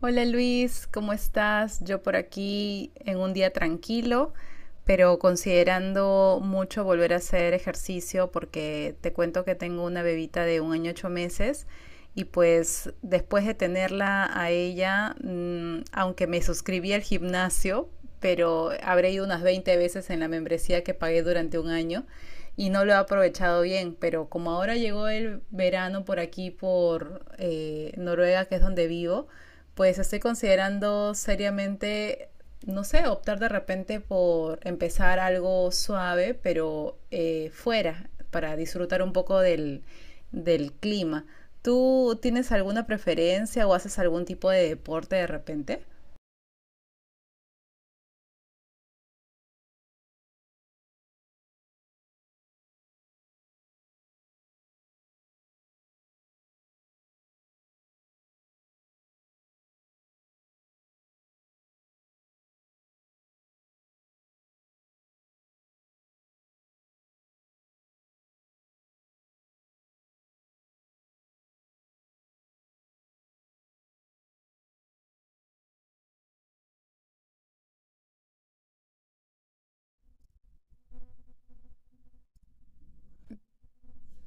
Hola Luis, ¿cómo estás? Yo por aquí en un día tranquilo, pero considerando mucho volver a hacer ejercicio porque te cuento que tengo una bebita de 1 año 8 meses y pues después de tenerla a ella, aunque me suscribí al gimnasio, pero habré ido unas 20 veces en la membresía que pagué durante un año y no lo he aprovechado bien, pero como ahora llegó el verano por aquí, por Noruega, que es donde vivo, pues estoy considerando seriamente, no sé, optar de repente por empezar algo suave, pero fuera, para disfrutar un poco del clima. ¿Tú tienes alguna preferencia o haces algún tipo de deporte de repente?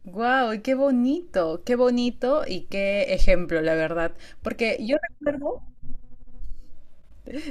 Guau, qué bonito y qué ejemplo, la verdad. Porque yo recuerdo,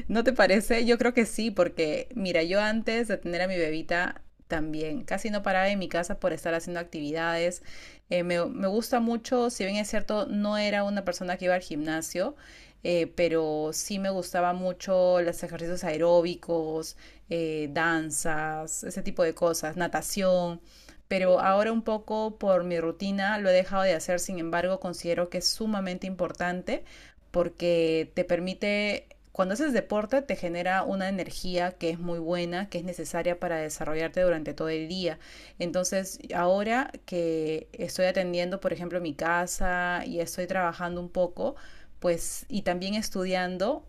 ¿no te parece? Yo creo que sí, porque mira, yo antes de tener a mi bebita también casi no paraba en mi casa por estar haciendo actividades. Me gusta mucho, si bien es cierto, no era una persona que iba al gimnasio. Pero sí me gustaba mucho los ejercicios aeróbicos, danzas, ese tipo de cosas, natación, pero ahora un poco por mi rutina lo he dejado de hacer. Sin embargo, considero que es sumamente importante porque te permite, cuando haces deporte, te genera una energía que es muy buena, que es necesaria para desarrollarte durante todo el día. Entonces, ahora que estoy atendiendo, por ejemplo, mi casa y estoy trabajando un poco, pues, y también estudiando,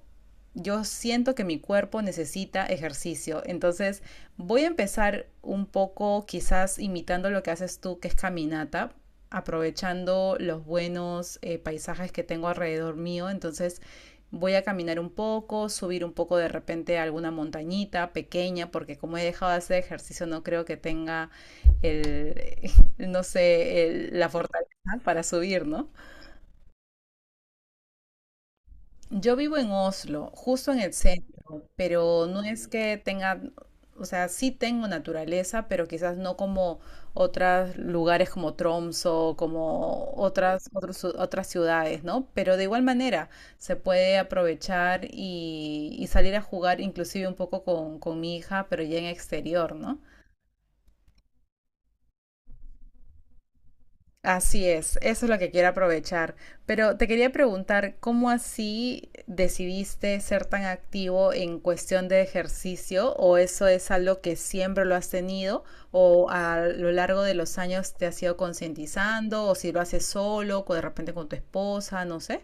yo siento que mi cuerpo necesita ejercicio. Entonces voy a empezar un poco quizás imitando lo que haces tú, que es caminata, aprovechando los buenos paisajes que tengo alrededor mío. Entonces voy a caminar un poco, subir un poco de repente a alguna montañita pequeña, porque como he dejado de hacer ejercicio no creo que tenga el, no sé, la fortaleza para subir, ¿no? Yo vivo en Oslo, justo en el centro. Pero no es que tenga, o sea, sí tengo naturaleza, pero quizás no como otros lugares como Tromso, como otras ciudades, ¿no? Pero de igual manera se puede aprovechar y salir a jugar inclusive un poco con mi hija, pero ya en exterior, ¿no? Así es, eso es lo que quiero aprovechar. Pero te quería preguntar, ¿cómo así decidiste ser tan activo en cuestión de ejercicio? ¿O eso es algo que siempre lo has tenido? ¿O a lo largo de los años te has ido concientizando? ¿O si lo haces solo, o de repente con tu esposa, no sé?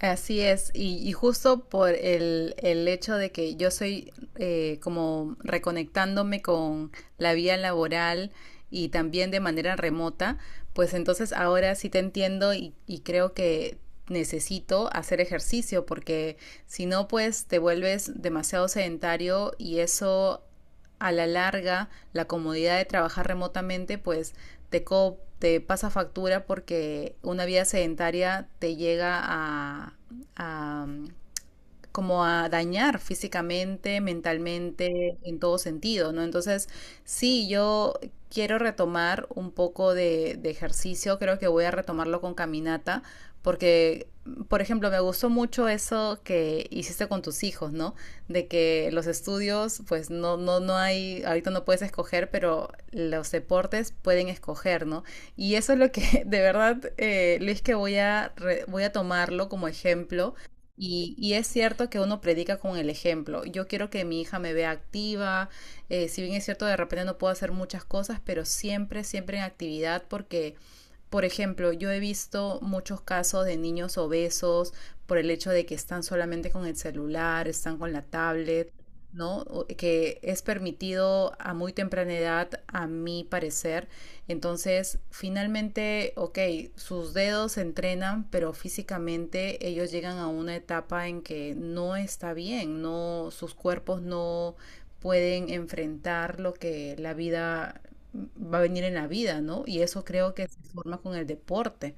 Así es, y justo por el hecho de que yo soy como reconectándome con la vía laboral y también de manera remota, pues entonces ahora sí te entiendo y creo que necesito hacer ejercicio porque si no pues te vuelves demasiado sedentario y eso a la larga la comodidad de trabajar remotamente pues te pasa factura porque una vida sedentaria te llega a, como a dañar físicamente, mentalmente, en todo sentido, ¿no? Entonces, sí, yo quiero retomar un poco de ejercicio, creo que voy a retomarlo con caminata, porque, por ejemplo, me gustó mucho eso que hiciste con tus hijos, ¿no? De que los estudios, pues no, no, no hay, ahorita no puedes escoger, pero los deportes pueden escoger, ¿no? Y eso es lo que, de verdad, Luis, que voy a tomarlo como ejemplo y es cierto que uno predica con el ejemplo. Yo quiero que mi hija me vea activa. Si bien es cierto, de repente no puedo hacer muchas cosas, pero siempre, siempre en actividad porque, por ejemplo, yo he visto muchos casos de niños obesos por el hecho de que están solamente con el celular, están con la tablet, ¿no? Que es permitido a muy temprana edad, a mi parecer. Entonces, finalmente, ok, sus dedos se entrenan, pero físicamente ellos llegan a una etapa en que no está bien, no, sus cuerpos no pueden enfrentar lo que la vida va a venir en la vida, ¿no? Y eso creo que se forma con el deporte.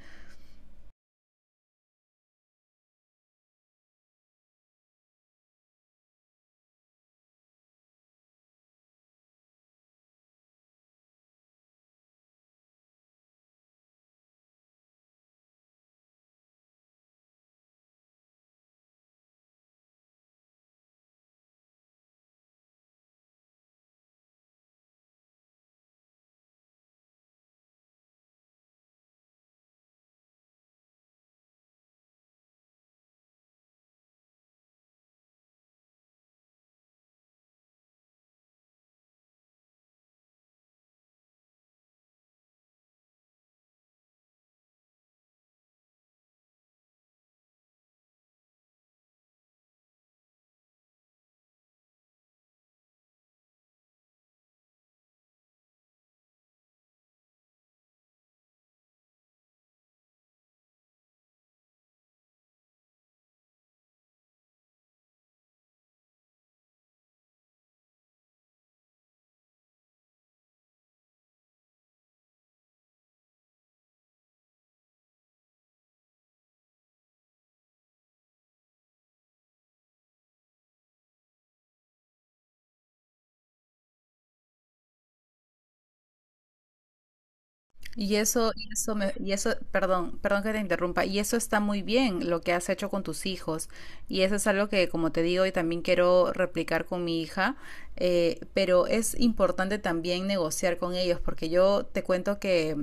Y eso, perdón, perdón que te interrumpa, y eso está muy bien lo que has hecho con tus hijos, y eso es algo que, como te digo, y también quiero replicar con mi hija, pero es importante también negociar con ellos, porque yo te cuento que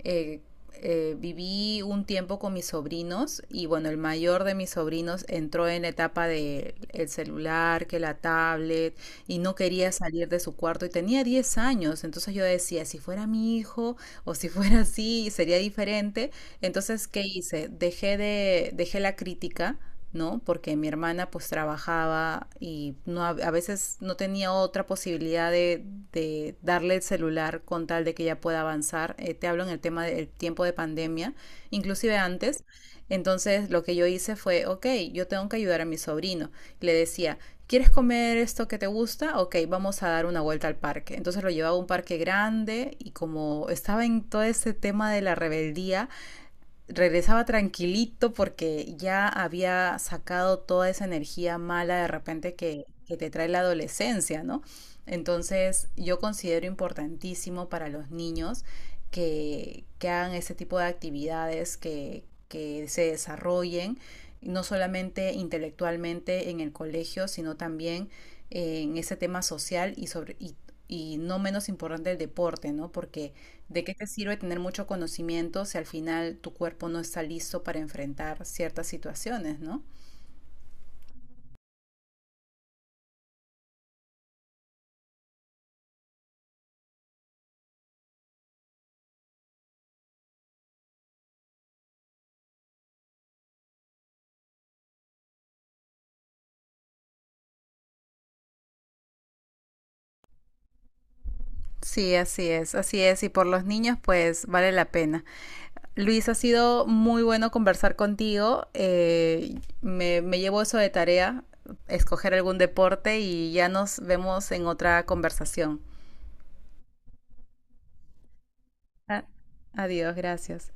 eh, viví un tiempo con mis sobrinos, y bueno, el mayor de mis sobrinos entró en la etapa de el celular, que la tablet, y no quería salir de su cuarto, y tenía 10 años, entonces yo decía, si fuera mi hijo, o si fuera así sería diferente. Entonces, ¿qué hice? Dejé de, dejé la crítica, ¿no? Porque mi hermana pues trabajaba y no, a veces no tenía otra posibilidad de darle el celular con tal de que ella pueda avanzar. Te hablo en el tema del tiempo de pandemia, inclusive antes. Entonces lo que yo hice fue, ok, yo tengo que ayudar a mi sobrino. Le decía, ¿quieres comer esto que te gusta? Ok, vamos a dar una vuelta al parque. Entonces lo llevaba a un parque grande y como estaba en todo ese tema de la rebeldía, regresaba tranquilito porque ya había sacado toda esa energía mala de repente que te trae la adolescencia, ¿no? Entonces yo considero importantísimo para los niños que hagan ese tipo de actividades, que se desarrollen, no solamente intelectualmente en el colegio, sino también en ese tema social y sobre y no menos importante el deporte, ¿no? Porque ¿de qué te sirve tener mucho conocimiento si al final tu cuerpo no está listo para enfrentar ciertas situaciones, ¿no? Sí, así es, así es. Y por los niños, pues vale la pena. Luis, ha sido muy bueno conversar contigo. Me llevo eso de tarea, escoger algún deporte y ya nos vemos en otra conversación. Ah, adiós, gracias.